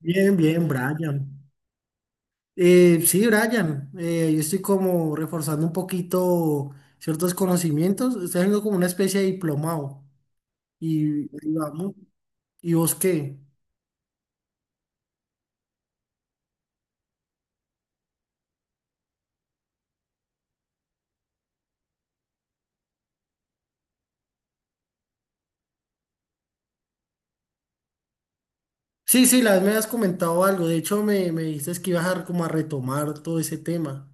Bien, bien, Brian. Sí, Brian, yo estoy como reforzando un poquito ciertos conocimientos, estoy haciendo como una especie de diplomado y ahí vamos. ¿Y vos qué? Sí, sí, la vez me has comentado algo, de hecho me dices que ibas a como a retomar todo ese tema.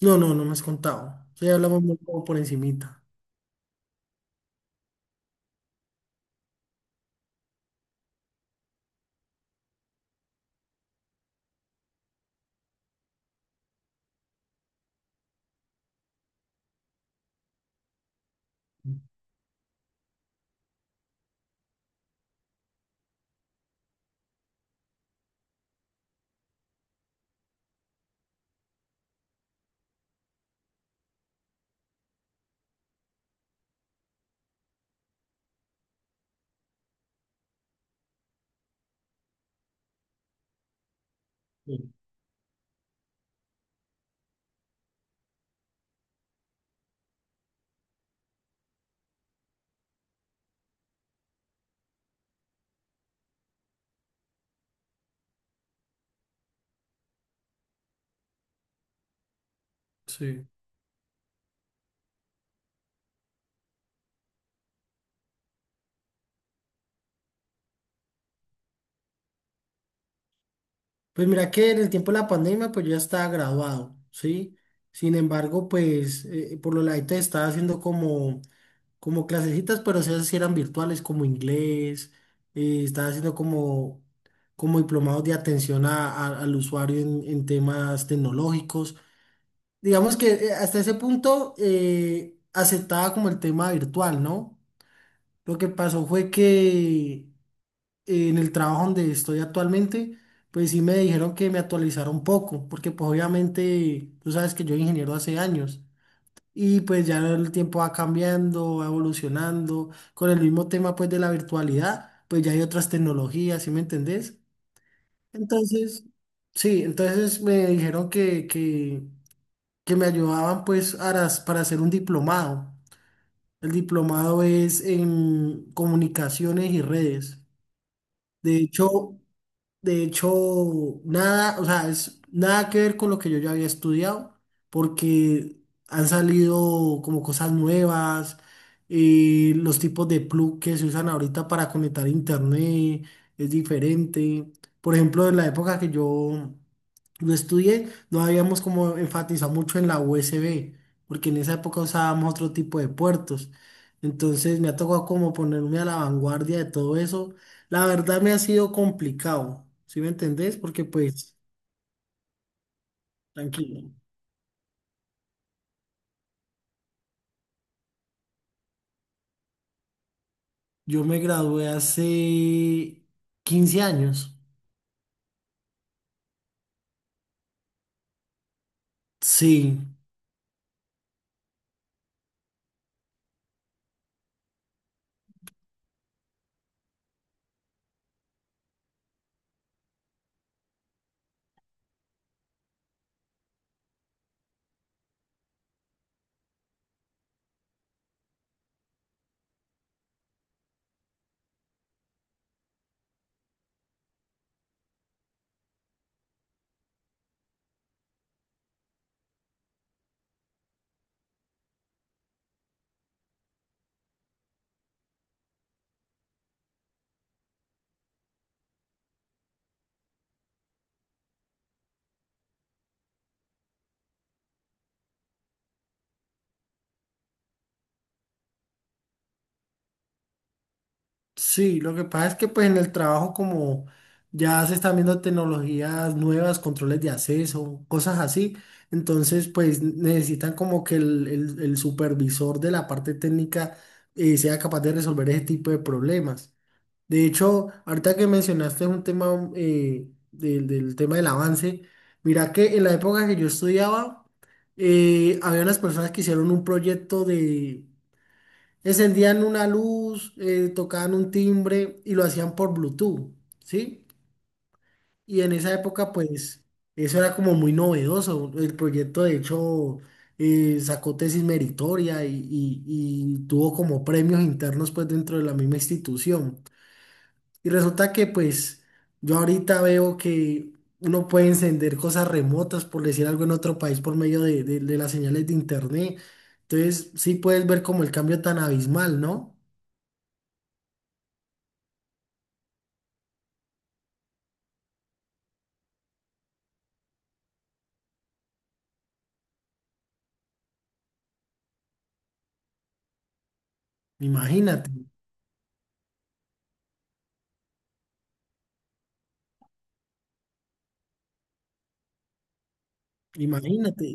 No, no, no me has contado, sí, hablamos muy como por encimita. Sí. Sí. Pues mira que en el tiempo de la pandemia pues yo ya estaba graduado, ¿sí? Sin embargo, pues por lo ladito estaba haciendo como clasecitas, pero esas sí eran virtuales, como inglés, estaba haciendo como diplomados de atención al usuario en temas tecnológicos. Digamos que hasta ese punto aceptaba como el tema virtual, ¿no? Lo que pasó fue que en el trabajo donde estoy actualmente, pues sí me dijeron que me actualizara un poco, porque pues obviamente tú sabes que yo soy ingeniero hace años. Y pues ya el tiempo va cambiando, va evolucionando. Con el mismo tema pues de la virtualidad, pues ya hay otras tecnologías, ¿sí me entendés? Entonces, sí, entonces me dijeron que me ayudaban pues para hacer un diplomado. El diplomado es en comunicaciones y redes. De hecho, de hecho, nada, o sea, es nada que ver con lo que yo ya había estudiado, porque han salido como cosas nuevas, los tipos de plug que se usan ahorita para conectar internet es diferente. Por ejemplo, en la época que yo lo estudié, no habíamos como enfatizado mucho en la USB, porque en esa época usábamos otro tipo de puertos. Entonces me ha tocado como ponerme a la vanguardia de todo eso, la verdad me ha sido complicado, ¿sí me entendés? Porque pues, tranquilo, yo me gradué hace 15 años. Sí, sí, lo que pasa es que pues en el trabajo como ya se están viendo tecnologías nuevas, controles de acceso, cosas así, entonces pues necesitan como que el supervisor de la parte técnica sea capaz de resolver ese tipo de problemas. De hecho, ahorita que mencionaste un tema del tema del avance, mira que en la época que yo estudiaba, había unas personas que hicieron un proyecto de, encendían una luz, tocaban un timbre y lo hacían por Bluetooth, ¿sí? Y en esa época, pues, eso era como muy novedoso. El proyecto, de hecho, sacó tesis meritoria y y tuvo como premios internos, pues, dentro de la misma institución. Y resulta que pues yo ahorita veo que uno puede encender cosas remotas, por decir algo, en otro país por medio de las señales de internet. Entonces sí puedes ver como el cambio tan abismal, ¿no? Imagínate, imagínate.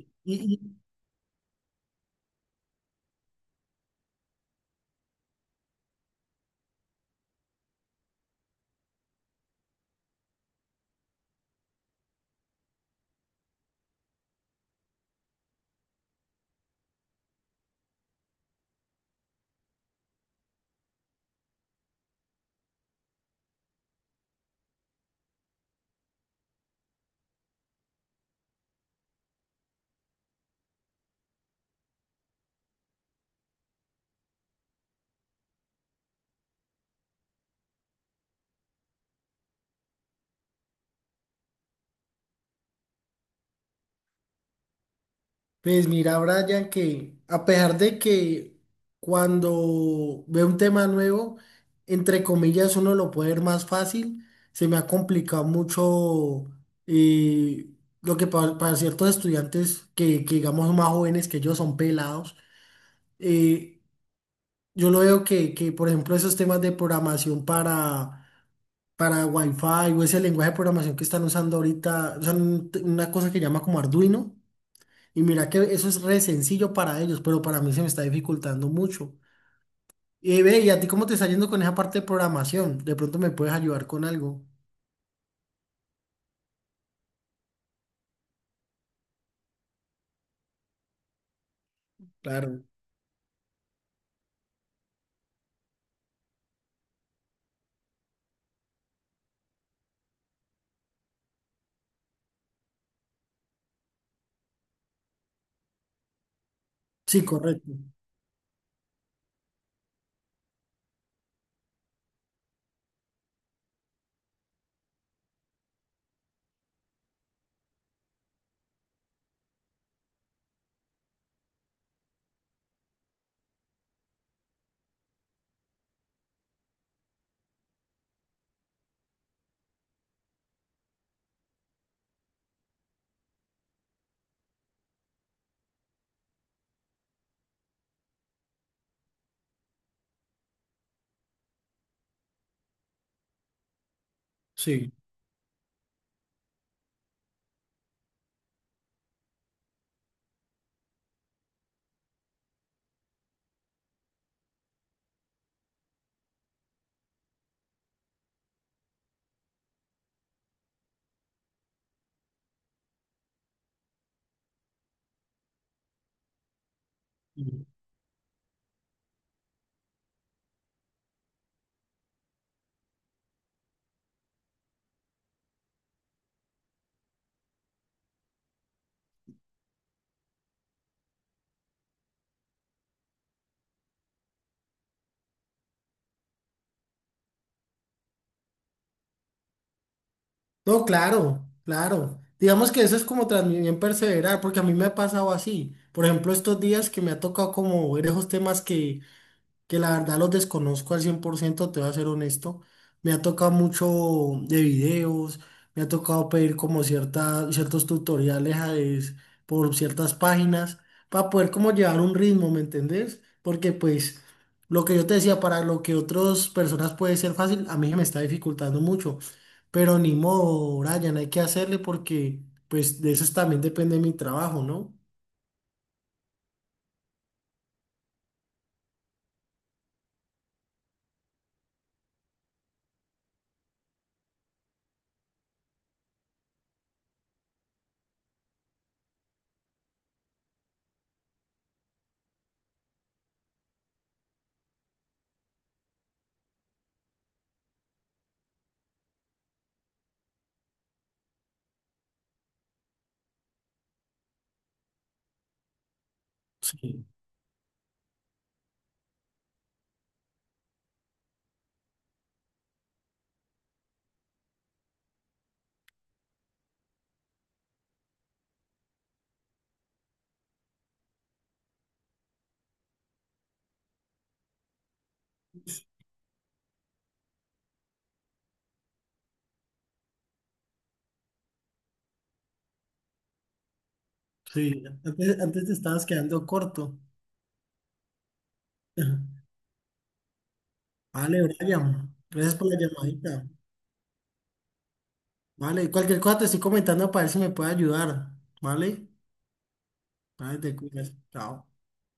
Pues mira, Brian, que a pesar de que cuando veo un tema nuevo, entre comillas, uno lo puede ver más fácil, se me ha complicado mucho, eh, lo que para ciertos estudiantes que digamos más jóvenes que yo, son pelados. eh, yo lo veo que, por ejemplo, esos temas de programación para Wi-Fi o ese lenguaje de programación que están usando ahorita, usan una cosa que llama como Arduino, y mira que eso es re sencillo para ellos, pero para mí se me está dificultando mucho. Y ve, ¿y a ti cómo te está yendo con esa parte de programación? De pronto me puedes ayudar con algo. Claro. Sí, correcto. Sí. Sí. No, claro, claro. Digamos que eso es como también perseverar, porque a mí me ha pasado así. Por ejemplo, estos días que me ha tocado como ver esos temas que la verdad los desconozco al 100 por ciento, te voy a ser honesto. Me ha tocado mucho de videos, me ha tocado pedir como ciertos tutoriales por ciertas páginas para poder como llevar un ritmo, ¿me entendés? Porque pues lo que yo te decía, para lo que otras personas puede ser fácil, a mí se me está dificultando mucho. Pero ni modo, Brian, hay que hacerle porque pues de eso también depende mi trabajo, ¿no? Sí, sí. Antes, antes te estabas quedando corto. Vale, Brian, gracias por la llamadita. Vale, cualquier cosa te estoy comentando para ver si me puede ayudar. Vale, vale, te cuidas. Chao.